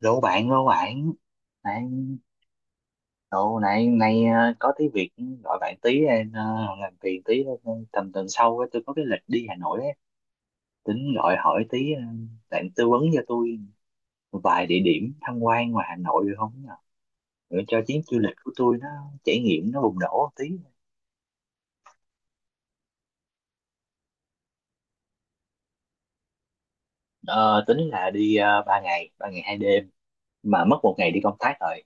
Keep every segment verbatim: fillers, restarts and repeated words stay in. rủ bạn rủ bạn này, cậu! Này này ờ, Có tí việc, gọi bạn tí em ờ, làm phiền tí. Ờ, tầm tuần sau á, tôi có cái lịch đi Hà Nội á, tính gọi hỏi tí, ờ, bạn tư vấn cho tôi một vài địa điểm tham quan ngoài Hà Nội được không nhờ? Để cho chuyến du lịch của tôi nó trải nghiệm nó bùng nổ một tí. Ờ, tính là đi uh, ba ngày ba ngày hai đêm, mà mất một ngày đi công tác rồi.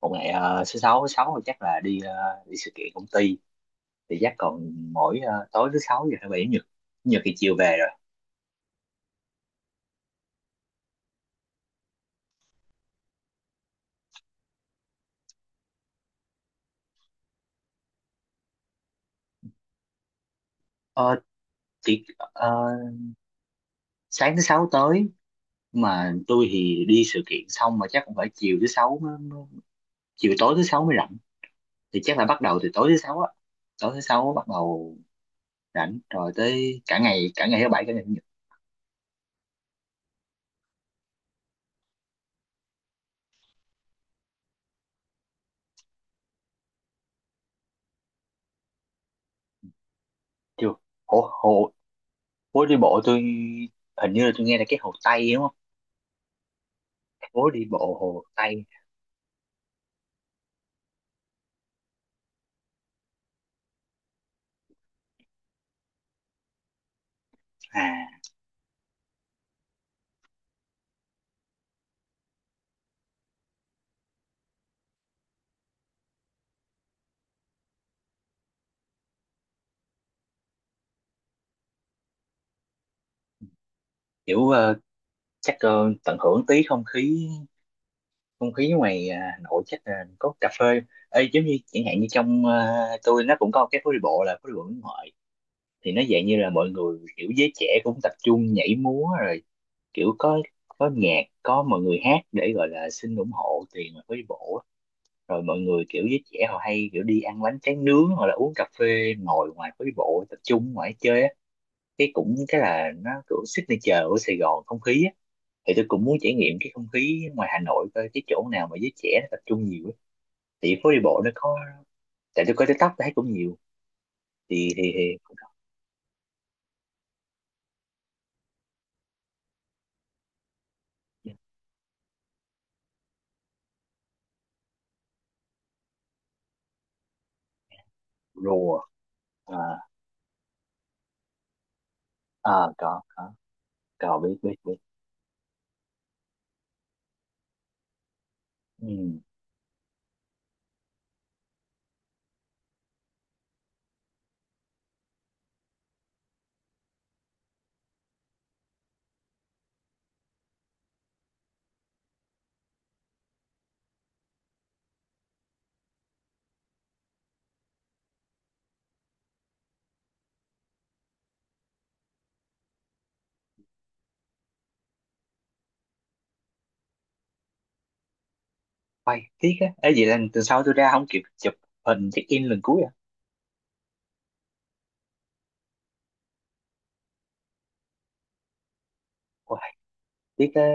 Một ngày, ờ, thứ sáu, thứ sáu thì chắc là đi, ờ, đi sự kiện công ty. Thì chắc còn mỗi, ờ, tối thứ sáu giờ thứ bảy chủ nhật. Chủ nhật thì chiều về rồi. Ờ, chỉ ờ, sáng thứ sáu tới, mà tôi thì đi sự kiện xong mà chắc cũng phải chiều thứ sáu mới, mới- chiều tối thứ sáu mới rảnh, thì chắc là bắt đầu từ tối thứ sáu á. Tối thứ sáu bắt đầu rảnh rồi, tới cả ngày, cả ngày thứ bảy, cả ngày chủ nhật. Chưa, hồ hồ phố đi bộ tôi hình như là tôi nghe là cái hồ Tây đúng không? Phố đi bộ hồ Tây à? Kiểu, ờ, chắc ờ, tận hưởng tí không khí, không khí ngoài, à, Hà Nội, chắc là có cà phê. Ê, giống như chẳng hạn như trong, à, tôi nó cũng có cái phố đi bộ là phố đi bộ Nguyễn Huệ, thì nó dạng như là mọi người kiểu giới trẻ cũng tập trung nhảy múa rồi, kiểu có có nhạc, có mọi người hát để gọi là xin ủng hộ tiền mà phố đi bộ á. Rồi mọi người kiểu giới trẻ họ hay kiểu đi ăn bánh tráng nướng hoặc là uống cà phê ngồi ngoài phố đi bộ tập trung ngoài chơi á. Cái cũng cái là nó kiểu signature của Sài Gòn, không khí á. Thì tôi cũng muốn trải nghiệm cái không khí ngoài Hà Nội coi cái chỗ nào mà giới trẻ nó tập trung nhiều, thì phố đi bộ nó có. Tại tôi coi TikTok thấy cũng nhiều, thì thì thì cũng có. Rùa, à, à, có có có biết biết biết. Ừ. Quay tiếc á, ấy vậy là từ sau tôi ra không kịp chụp hình check in lần cuối à. Quay tiếc á.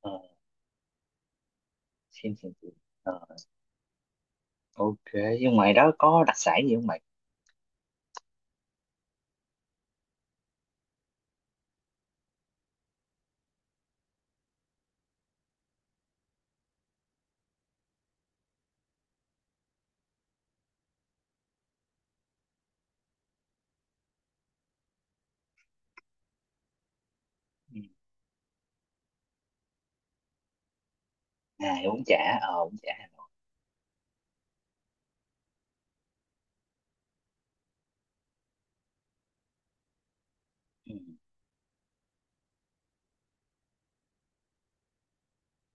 Ờ, xin xin xin. Ờ, ok, nhưng ngoài đó có đặc sản gì không mày? Ừ. À, bún chả, ờ bún chả Hà Nội. Ừ.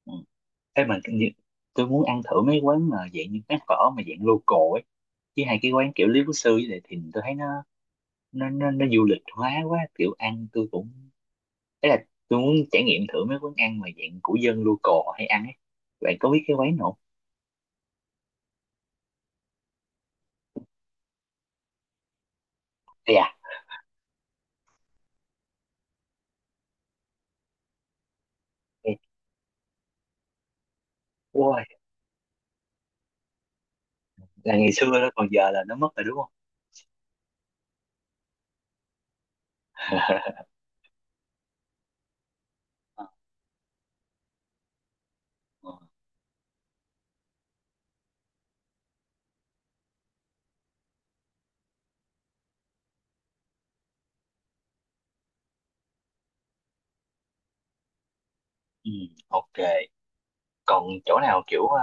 Ừ. Ê, mà cái gì- tôi muốn ăn thử mấy quán mà dạng như quán phở mà dạng local ấy, chứ hai cái quán kiểu Lý Quốc Sư với lại Thìn tôi thấy nó, nó nó nó du lịch hóa quá, kiểu ăn tôi cũng, ấy là tôi muốn trải nghiệm thử mấy quán ăn mà dạng của dân local họ hay ăn ấy. Bạn có biết cái quán nào không? Ê à. Ê, ôi, là ngày xưa đó còn giờ là nó mất rồi đúng không? Ờ. Ờ. Ừ, ok, còn chỗ nào kiểu, ờ,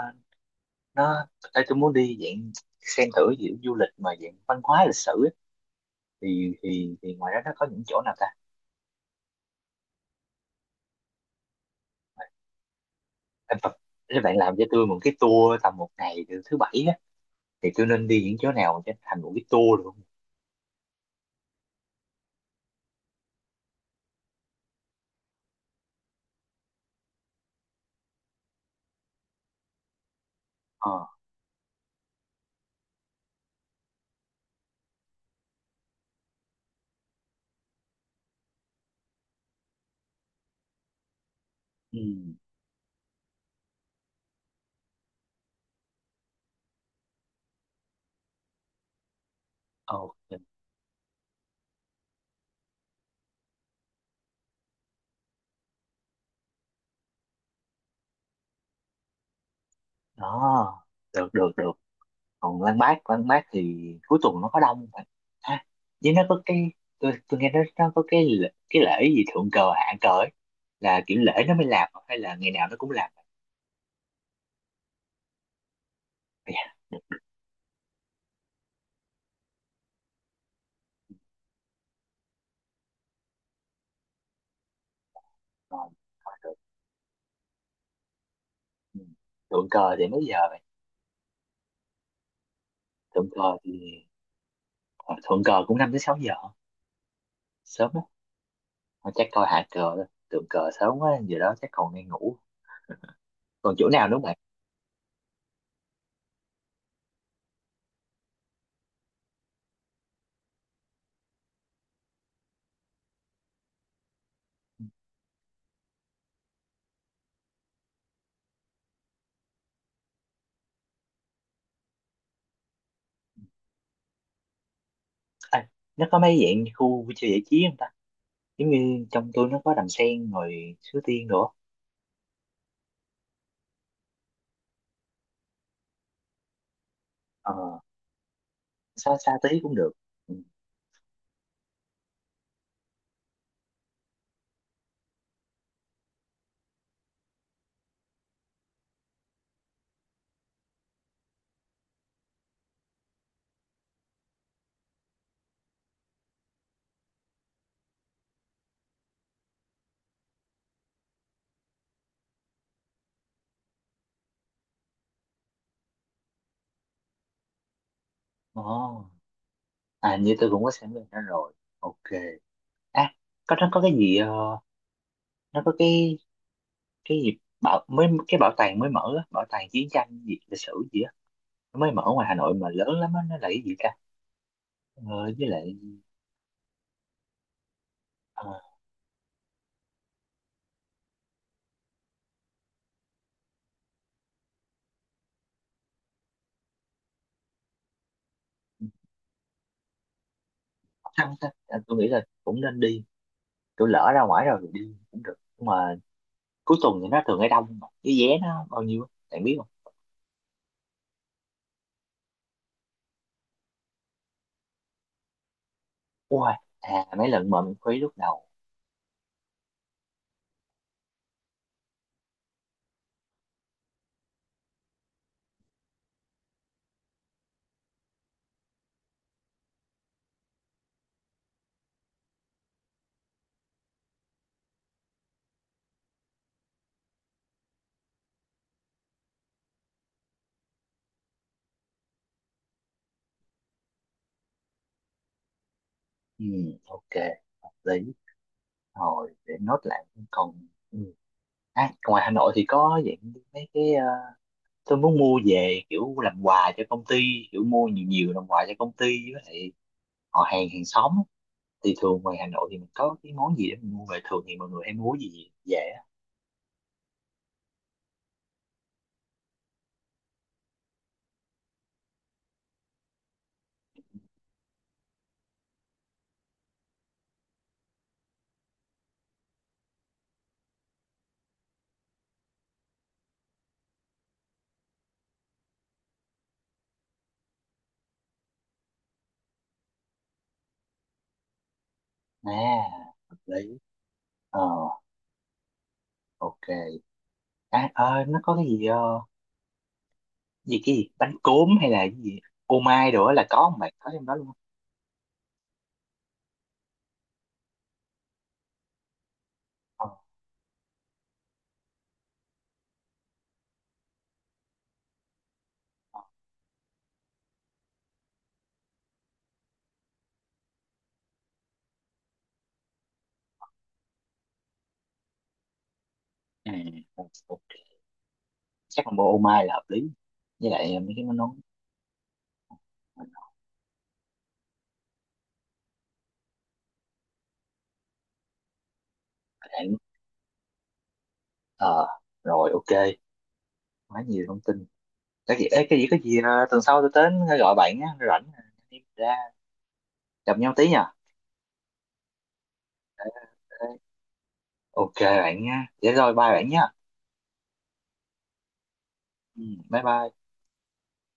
nó Ê, tôi muốn đi dạng xem thử kiểu du lịch mà dạng văn hóa lịch sử ấy, thì thì thì ngoài đó nó có những chỗ nào ta? Ê, Phật, nếu bạn làm cho tôi một cái tour tầm một ngày từ thứ bảy á, thì tôi nên đi những chỗ nào cho thành một cái tour được không? Ờ. Ừ. Ok. Đó, được được được. Còn Lan Bác, Lan Bác thì cuối tuần nó có đông không ta? Ha, với nó có cái, tôi, tôi nghe nó, nó có cái lễ- cái lễ gì thượng cờ hạ cờ ấy, là kiểu lễ nó mới làm, à, hay là ngày nào nó cũng làm? Ây da, rồi, rồi được. Ừ. Thượng cờ thì mấy giờ vậy? Thượng cờ thì, ờ, thượng cờ cũng năm tới sáu giờ, sớm á. Thôi chắc coi hạ cờ thôi, thượng cờ sớm quá, giờ đó chắc còn đang ngủ. Còn chỗ nào nữa không bạn? À, nó có mấy dạng khu vui chơi giải trí không ta? Giống như trong tôi nó có đàn sen rồi sứ tiên nữa. Ờ, xa xa tí cũng được. Ừ. Ồ. À, như tôi cũng có xem bên đó rồi. Ok. À, có, nó có cái gì, ờ, nó có cái cái gì bảo mới, cái bảo tàng mới mở á, bảo tàng chiến tranh gì lịch sử gì á, nó mới mở ngoài Hà Nội mà lớn lắm á, nó là cái gì ta? ờ, với lại, ờ, sao ta, à, tôi nghĩ là cũng nên đi, tôi lỡ ra ngoài rồi thì đi cũng được, nhưng mà cuối tuần thì nó thường hay đông, mà cái vé nó bao nhiêu á bạn biết không? Ui, à mấy lần mà mình khuấy lúc đầu. Ừ, ok, hợp lý. Rồi, để nốt lại cũng còn, ừ. À, ngoài Hà Nội thì có dạng mấy cái, ờ, tôi muốn mua về kiểu làm quà cho công ty, kiểu mua nhiều nhiều làm quà cho công ty với lại họ hàng hàng xóm á. Thì thường ngoài Hà Nội thì mình có cái món gì để mình mua về, thường thì mọi người hay mua gì dễ? À, hợp lý, ờ, ok. À, ờ, nó có cái gì, ờ, gì cái gì bánh cốm hay là cái gì ô mai đồ á là có không bạn, có trong đó luôn không? Ờ, ờ. À, ok, chắc combo ô mai là hợp lý, với lại mấy cái món nón. Mình hỏi lại. Ờ, rồi, ok, quá nhiều thông tin. Cái gì ấy, cái gì có gì, à, tuần sau tôi đến gọi bạn á rảnh, à, anh em ra gặp nhau tí nha. Ờ, ok bạn nha, để rồi bye bạn nha. Ừ, bye bye.